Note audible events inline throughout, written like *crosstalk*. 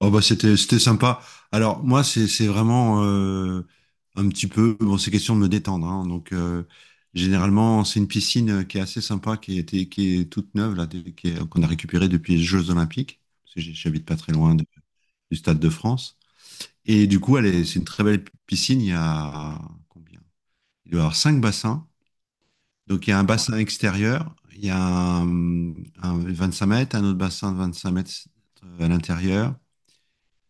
Oh bah c'était sympa. Alors moi c'est vraiment un petit peu, bon c'est question de me détendre hein. Donc généralement c'est une piscine qui est assez sympa, qui est toute neuve là, qu'on a récupérée depuis les Jeux Olympiques, parce que j'habite pas très loin du Stade de France. Et du coup, elle est c'est une très belle piscine. Il y a combien? Il doit y avoir cinq bassins. Donc il y a un bassin extérieur, il y a un, un 5 mètres, un autre bassin de 25 mètres à l'intérieur.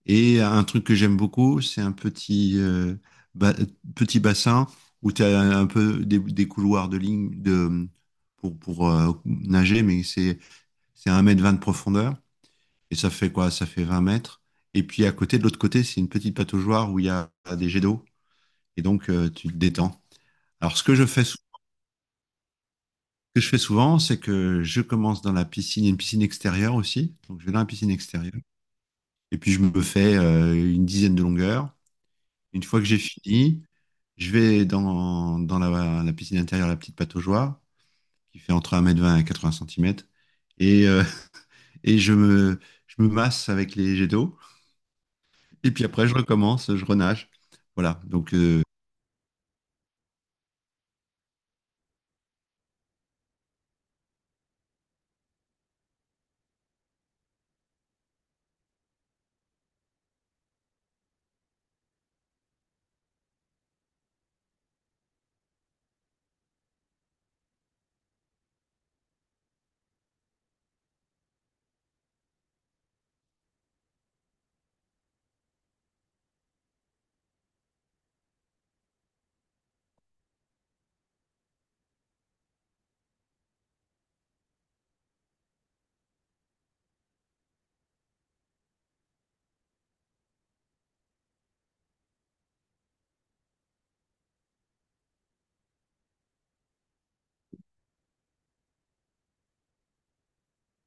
Et un truc que j'aime beaucoup, c'est un petit, ba- petit bassin où tu as un peu des couloirs de ligne pour nager, mais c'est 1 m 20 de profondeur. Et ça fait quoi? Ça fait 20 mètres. Et puis à côté, de l'autre côté, c'est une petite pataugeoire où il y a des jets d'eau. Et donc, tu te détends. Alors, ce que je fais souvent, c'est que je commence dans la piscine, il y a une piscine extérieure aussi. Donc, je vais dans la piscine extérieure. Et puis, je me fais une dizaine de longueurs. Une fois que j'ai fini, je vais dans la piscine intérieure, la petite pataugeoire, qui fait entre 1 m 20 et 80 centimètres. Et, *laughs* et je me masse avec les jets d'eau. Et puis après, je recommence, je renage. Voilà. Donc,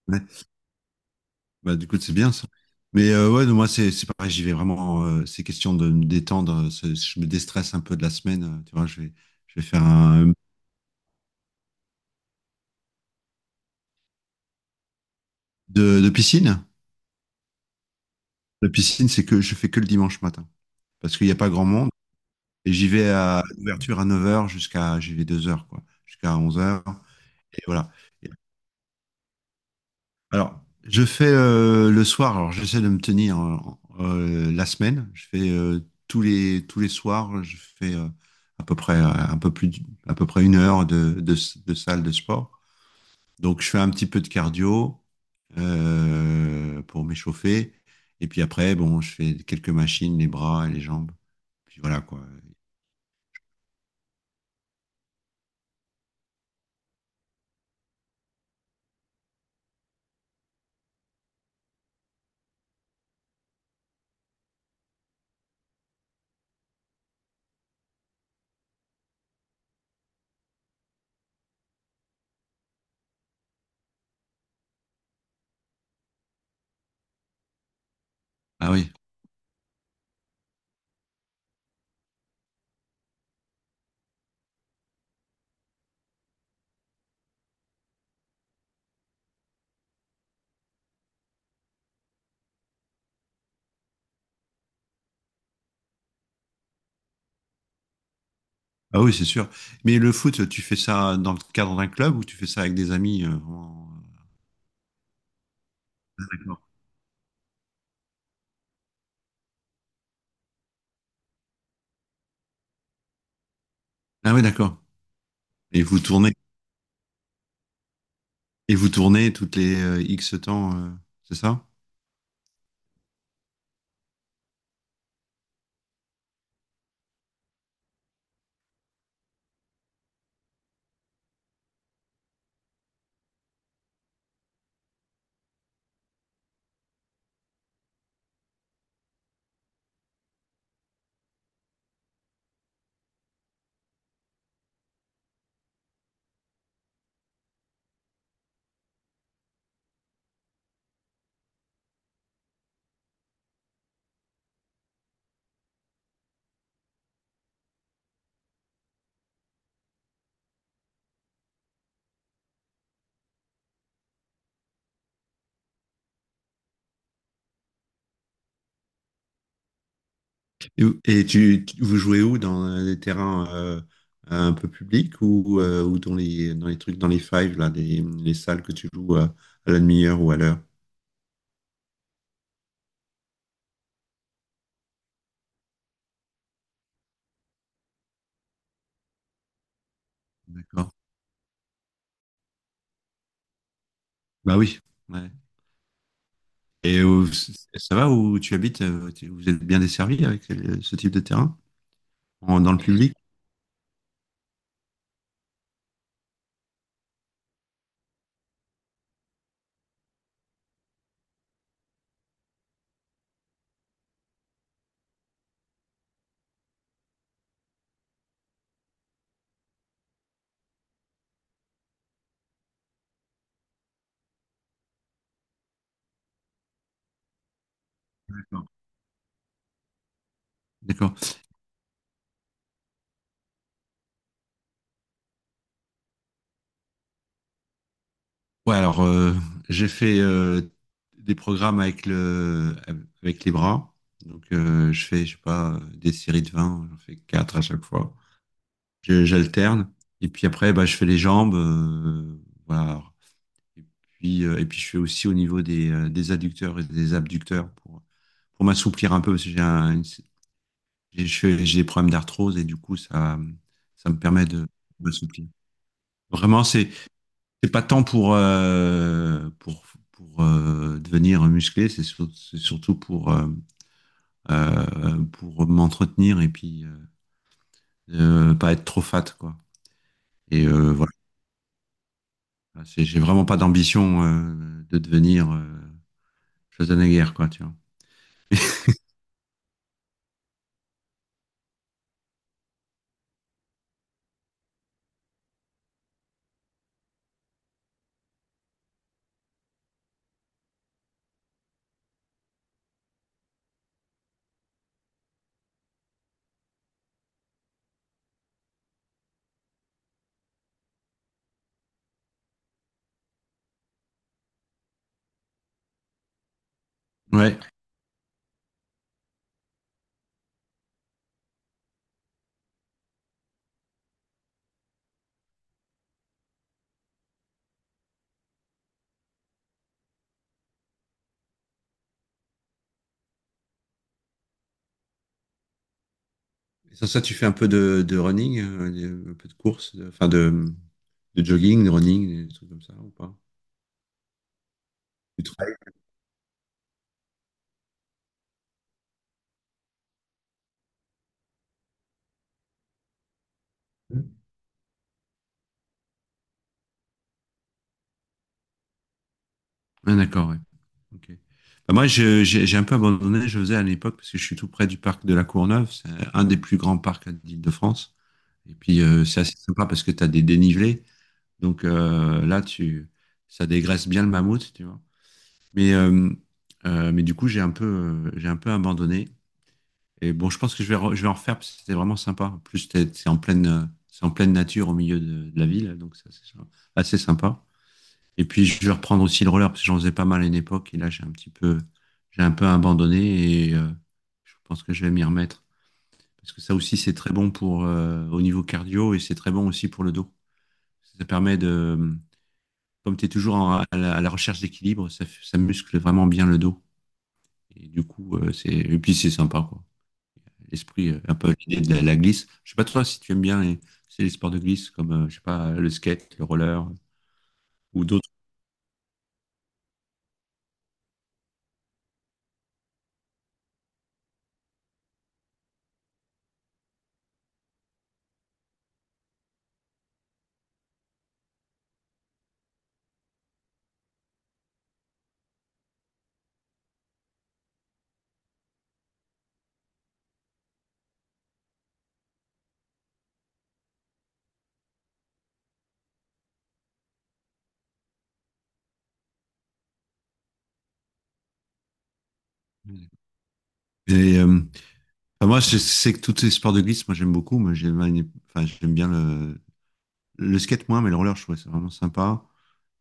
ouais. Bah, du coup, c'est bien ça. Mais ouais, non, moi, c'est pareil, j'y vais vraiment. C'est question de me détendre. Je me déstresse un peu de la semaine. Tu vois, je vais faire un. De piscine. La piscine, c'est que je fais que le dimanche matin. Parce qu'il n'y a pas grand monde. Et j'y vais à l'ouverture à 9 heures, j'y vais 2 heures quoi, jusqu'à 11 heures. Et voilà. Et Alors, je fais le soir, alors j'essaie de me tenir la semaine. Je fais tous les soirs, je fais à peu près, un peu plus, d- à peu près 1 heure de salle de sport. Donc, je fais un petit peu de cardio pour m'échauffer. Et puis après, bon, je fais quelques machines, les bras et les jambes. Puis voilà, quoi. Ah oui. Ah oui, c'est sûr. Mais le foot, tu fais ça dans le cadre d'un club ou tu fais ça avec des amis D'accord. Ah oui, d'accord. Et vous tournez, et vous tournez toutes les X temps, c'est ça? Vous jouez où? Dans des terrains un peu publics, ou dans les trucs, dans les fives, là, les salles que tu joues à la demi-heure ou à l'heure? D'accord. Bah oui. Ouais. Et ça va où tu habites? Vous êtes bien desservi avec ce type de terrain? En- dans le public? D'accord. D'accord. Ouais, alors j'ai fait des programmes avec les bras. Donc je fais, je sais pas, des séries de 20, j'en fais 4 à chaque fois. J'alterne. Et puis après, bah, je fais les jambes. Voilà. Et et puis je fais aussi au niveau des adducteurs et des abducteurs pour m'assouplir un peu, parce que j'ai un, une- j'ai je fais- j'ai des problèmes d'arthrose. Et du coup, ça me permet de m'assouplir. Vraiment, c'est pas tant pour devenir musclé, c'est surtout pour m'entretenir, et puis pas être trop fat quoi. Et voilà. J'ai vraiment pas d'ambition de devenir Schwarzenegger quoi, tu vois. Ouais. Et sans ça, tu fais un peu de running, un peu de course, enfin de jogging, de running, des trucs comme ça ou pas? Du trail. Ah, d'accord. Ouais. Ok. Bah, moi, j'ai un peu abandonné, je faisais à l'époque, parce que je suis tout près du parc de la Courneuve. C'est un des plus grands parcs d'Île-de-France. Et puis, c'est assez sympa parce que tu as des dénivelés. Donc ça dégraisse bien le mammouth, tu vois. Mais, euh, mais du coup, j'ai un peu abandonné. Et bon, je pense que je vais en refaire, parce que c'était vraiment sympa. En plus, c'est en pleine nature au milieu de la ville. Donc, c'est assez sympa. Et puis, je vais reprendre aussi le roller, parce que j'en faisais pas mal à une époque, et là, j'ai un peu abandonné, et je pense que je vais m'y remettre. Parce que ça aussi, c'est très bon pour, au niveau cardio, et c'est très bon aussi pour le dos. Ça permet de, comme tu es toujours à la recherche d'équilibre, ça muscle vraiment bien le dos. Et du coup, et puis c'est sympa, quoi. L'esprit, un peu l'idée de la glisse. Je sais pas toi si tu aimes bien c'est les sports de glisse, comme, je sais pas, le skate, le roller, ou d'autres. Et, euh, Enfin, moi, je sais que tous les sports de glisse, moi, j'aime beaucoup. Enfin, j'aime bien le skate, moins, mais le roller, je trouvais ça vraiment sympa.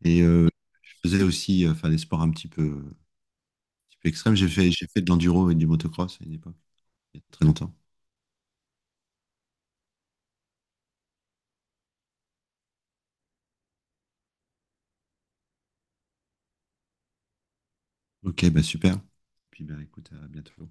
Et je faisais aussi enfin, des sports un petit peu extrêmes. J'ai fait de l'enduro et du motocross à une époque, il y a très longtemps. Ok, bah super. Puis, bah, écoute, à bientôt.